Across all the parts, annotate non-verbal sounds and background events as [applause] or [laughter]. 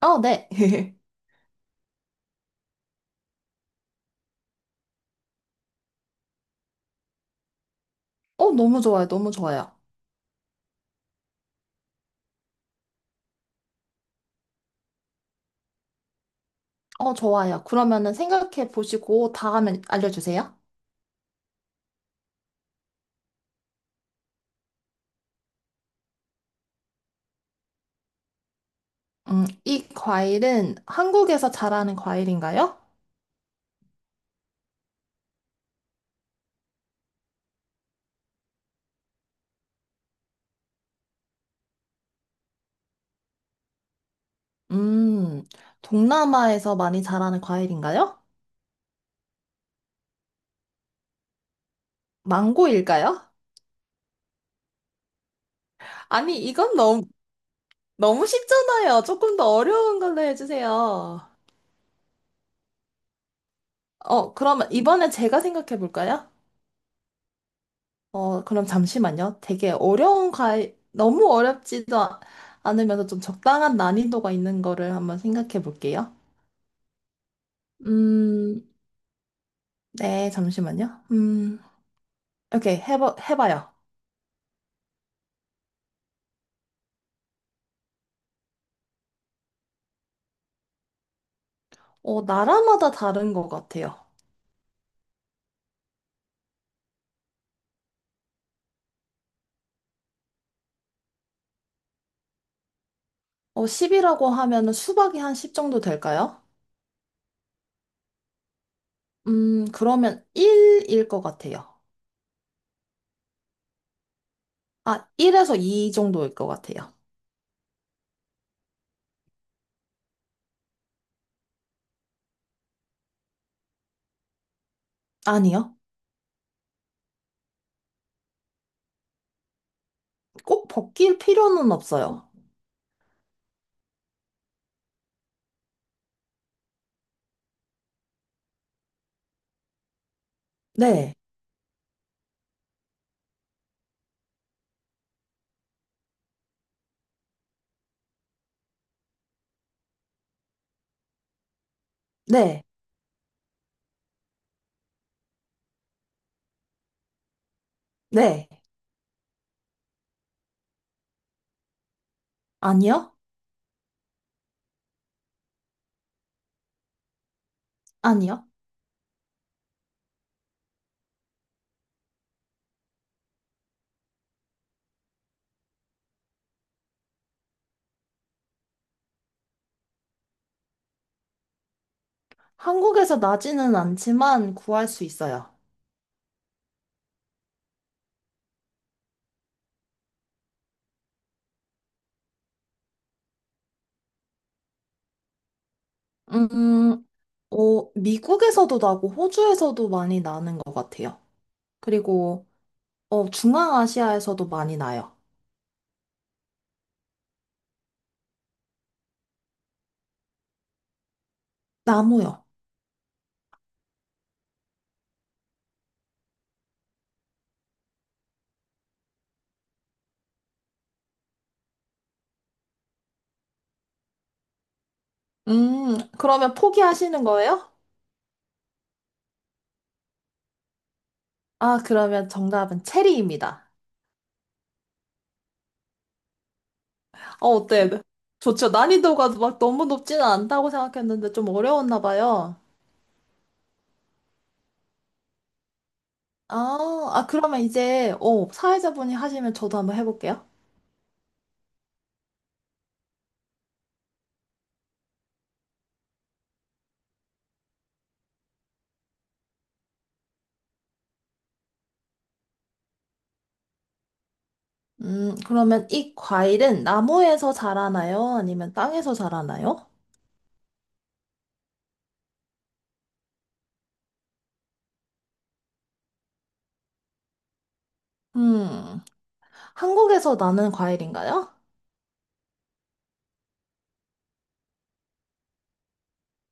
어, 네. [laughs] 어, 너무 좋아요. 너무 좋아요. 어, 좋아요. 그러면은 생각해 보시고 다음에 알려주세요. 이 과일은 한국에서 자라는 과일인가요? 음, 동남아에서 많이 자라는 과일인가요? 망고일까요? 아니, 이건 너무, 너무 쉽잖아요. 조금 더 어려운 걸로 해주세요. 어, 그러면 이번에 제가 생각해 볼까요? 어, 그럼 잠시만요. 되게 어려운 과일, 너무 어렵지도 않으면서 좀 적당한 난이도가 있는 거를 한번 생각해 볼게요. 음, 네, 잠시만요. 오케이, 해봐요. 어, 나라마다 다른 것 같아요. 어, 10이라고 하면은 수박이 한 10 정도 될까요? 그러면 1일 것 같아요. 아, 1에서 2 정도일 것 같아요. 아니요. 꼭 벗길 필요는 없어요. 네, 네, 네. 아니요? 아니요? 한국에서 나지는 않지만 구할 수 있어요. 음, 어, 미국에서도 나고 호주에서도 많이 나는 것 같아요. 그리고 어, 중앙아시아에서도 많이 나요. 나무요. 그러면 포기하시는 거예요? 아, 그러면 정답은 체리입니다. 어, 어때? 좋죠. 난이도가 막 너무 높지는 않다고 생각했는데 좀 어려웠나 봐요. 아, 아, 그러면 이제 어, 사회자분이 하시면 저도 한번 해볼게요. 그러면 이 과일은 나무에서 자라나요? 아니면 땅에서 자라나요? 음, 한국에서 나는 과일인가요?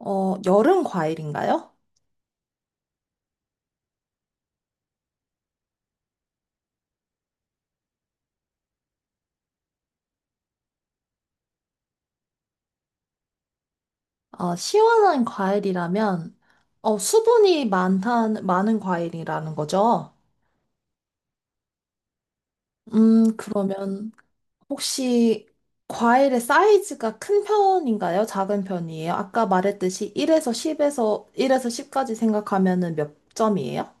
어, 여름 과일인가요? 어, 시원한 과일이라면, 어, 수분이 많은 과일이라는 거죠. 그러면 혹시 과일의 사이즈가 큰 편인가요? 작은 편이에요? 아까 말했듯이 1에서 10에서, 일에서 십까지 생각하면은 몇 점이에요?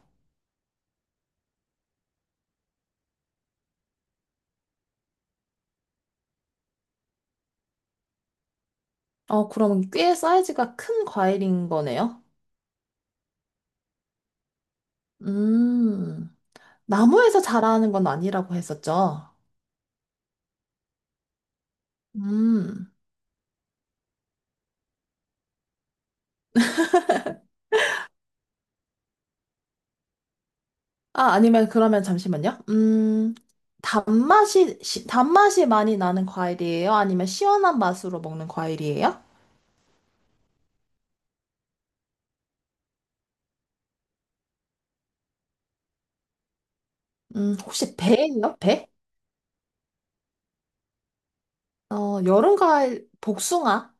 어, 그럼 꽤 사이즈가 큰 과일인 거네요? 음, 나무에서 자라는 건 아니라고 했었죠? 음, 아, 아니면 그러면 잠시만요. 단맛이 많이 나는 과일이에요? 아니면 시원한 맛으로 먹는 과일이에요? 혹시 배예요? 배? 어, 여름 과일, 복숭아?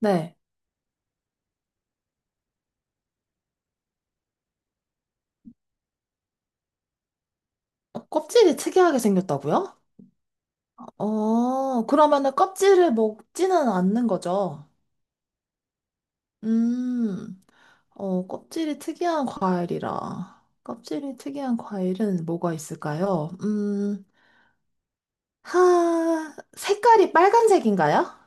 네. 어, 껍질이 특이하게 생겼다고요? 어, 그러면은 껍질을 먹지는 않는 거죠? 음. 어, 껍질이 특이한 과일이라. 껍질이 특이한 과일은 뭐가 있을까요? 색깔이 빨간색인가요?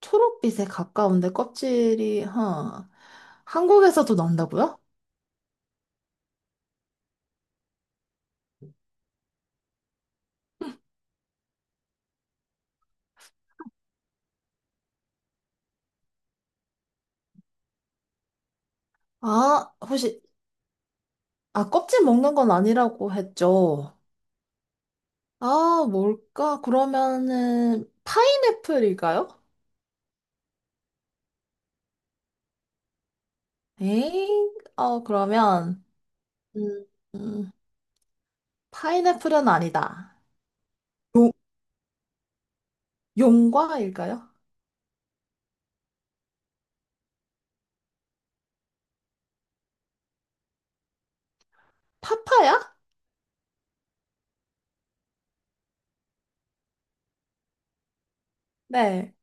초록빛에 가까운데 껍질이, 한국에서도 난다고요? 아, 혹시, 아, 껍질 먹는 건 아니라고 했죠. 아, 뭘까? 그러면은, 파인애플일까요? 에잉, 어, 그러면, 음, 음, 파인애플은 아니다. 용, 용과일까요? 파파야? 네.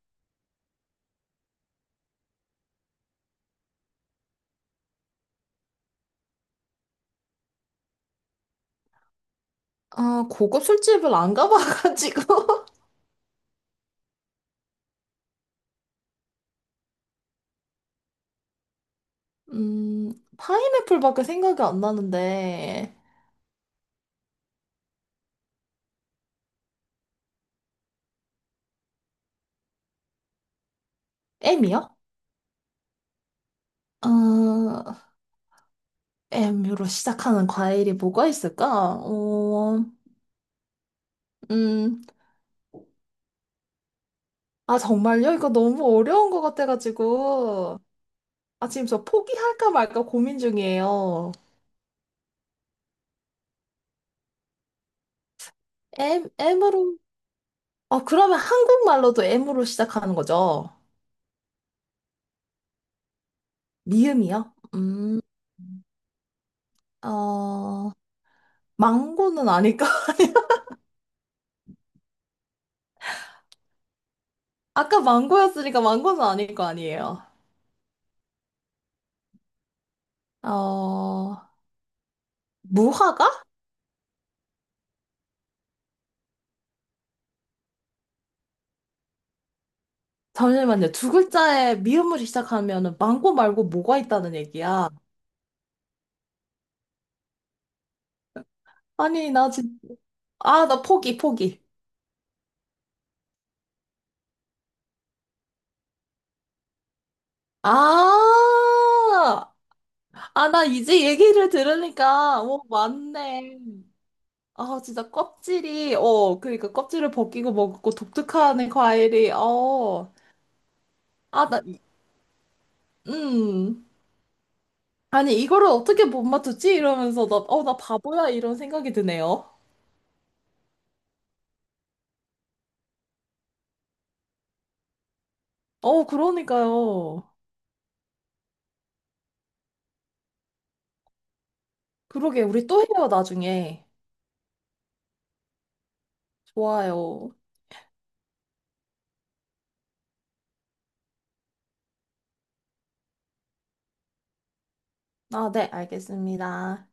아, 고급 술집을 안 가봐가지고. [laughs] 음, 파인애플밖에 생각이 안 나는데. M이요? 아, M으로 시작하는 과일이 뭐가 있을까? 어, 음, 아, 정말요? 이거 너무 어려운 것 같아가지고. 아, 지금 저 포기할까 말까 고민 중이에요. M으로. 아, 그러면 한국말로도 M으로 시작하는 거죠? 미음이요? 어, 망고는 아닐까? [laughs] 아까 망고였으니까 망고는 아닐 거 아니에요. 어, 무화과? 잠시만요. 두 글자에 미음으로 시작하면은 망고 말고 뭐가 있다는 얘기야? 아니, 나 지금, 아, 나 포기, 포기. 아, 아, 나 이제 얘기를 들으니까, 오 맞네. 아, 진짜 껍질이, 어, 그러니까 껍질을 벗기고 먹고 독특한 과일이, 어, 아, 나, 음. 아니, 이거를 어떻게 못 맞췄지? 이러면서 나 바보야, 이런 생각이 드네요. 어, 그러니까요. 그러게, 우리 또 해요, 나중에. 좋아요. 아, 네, 알겠습니다.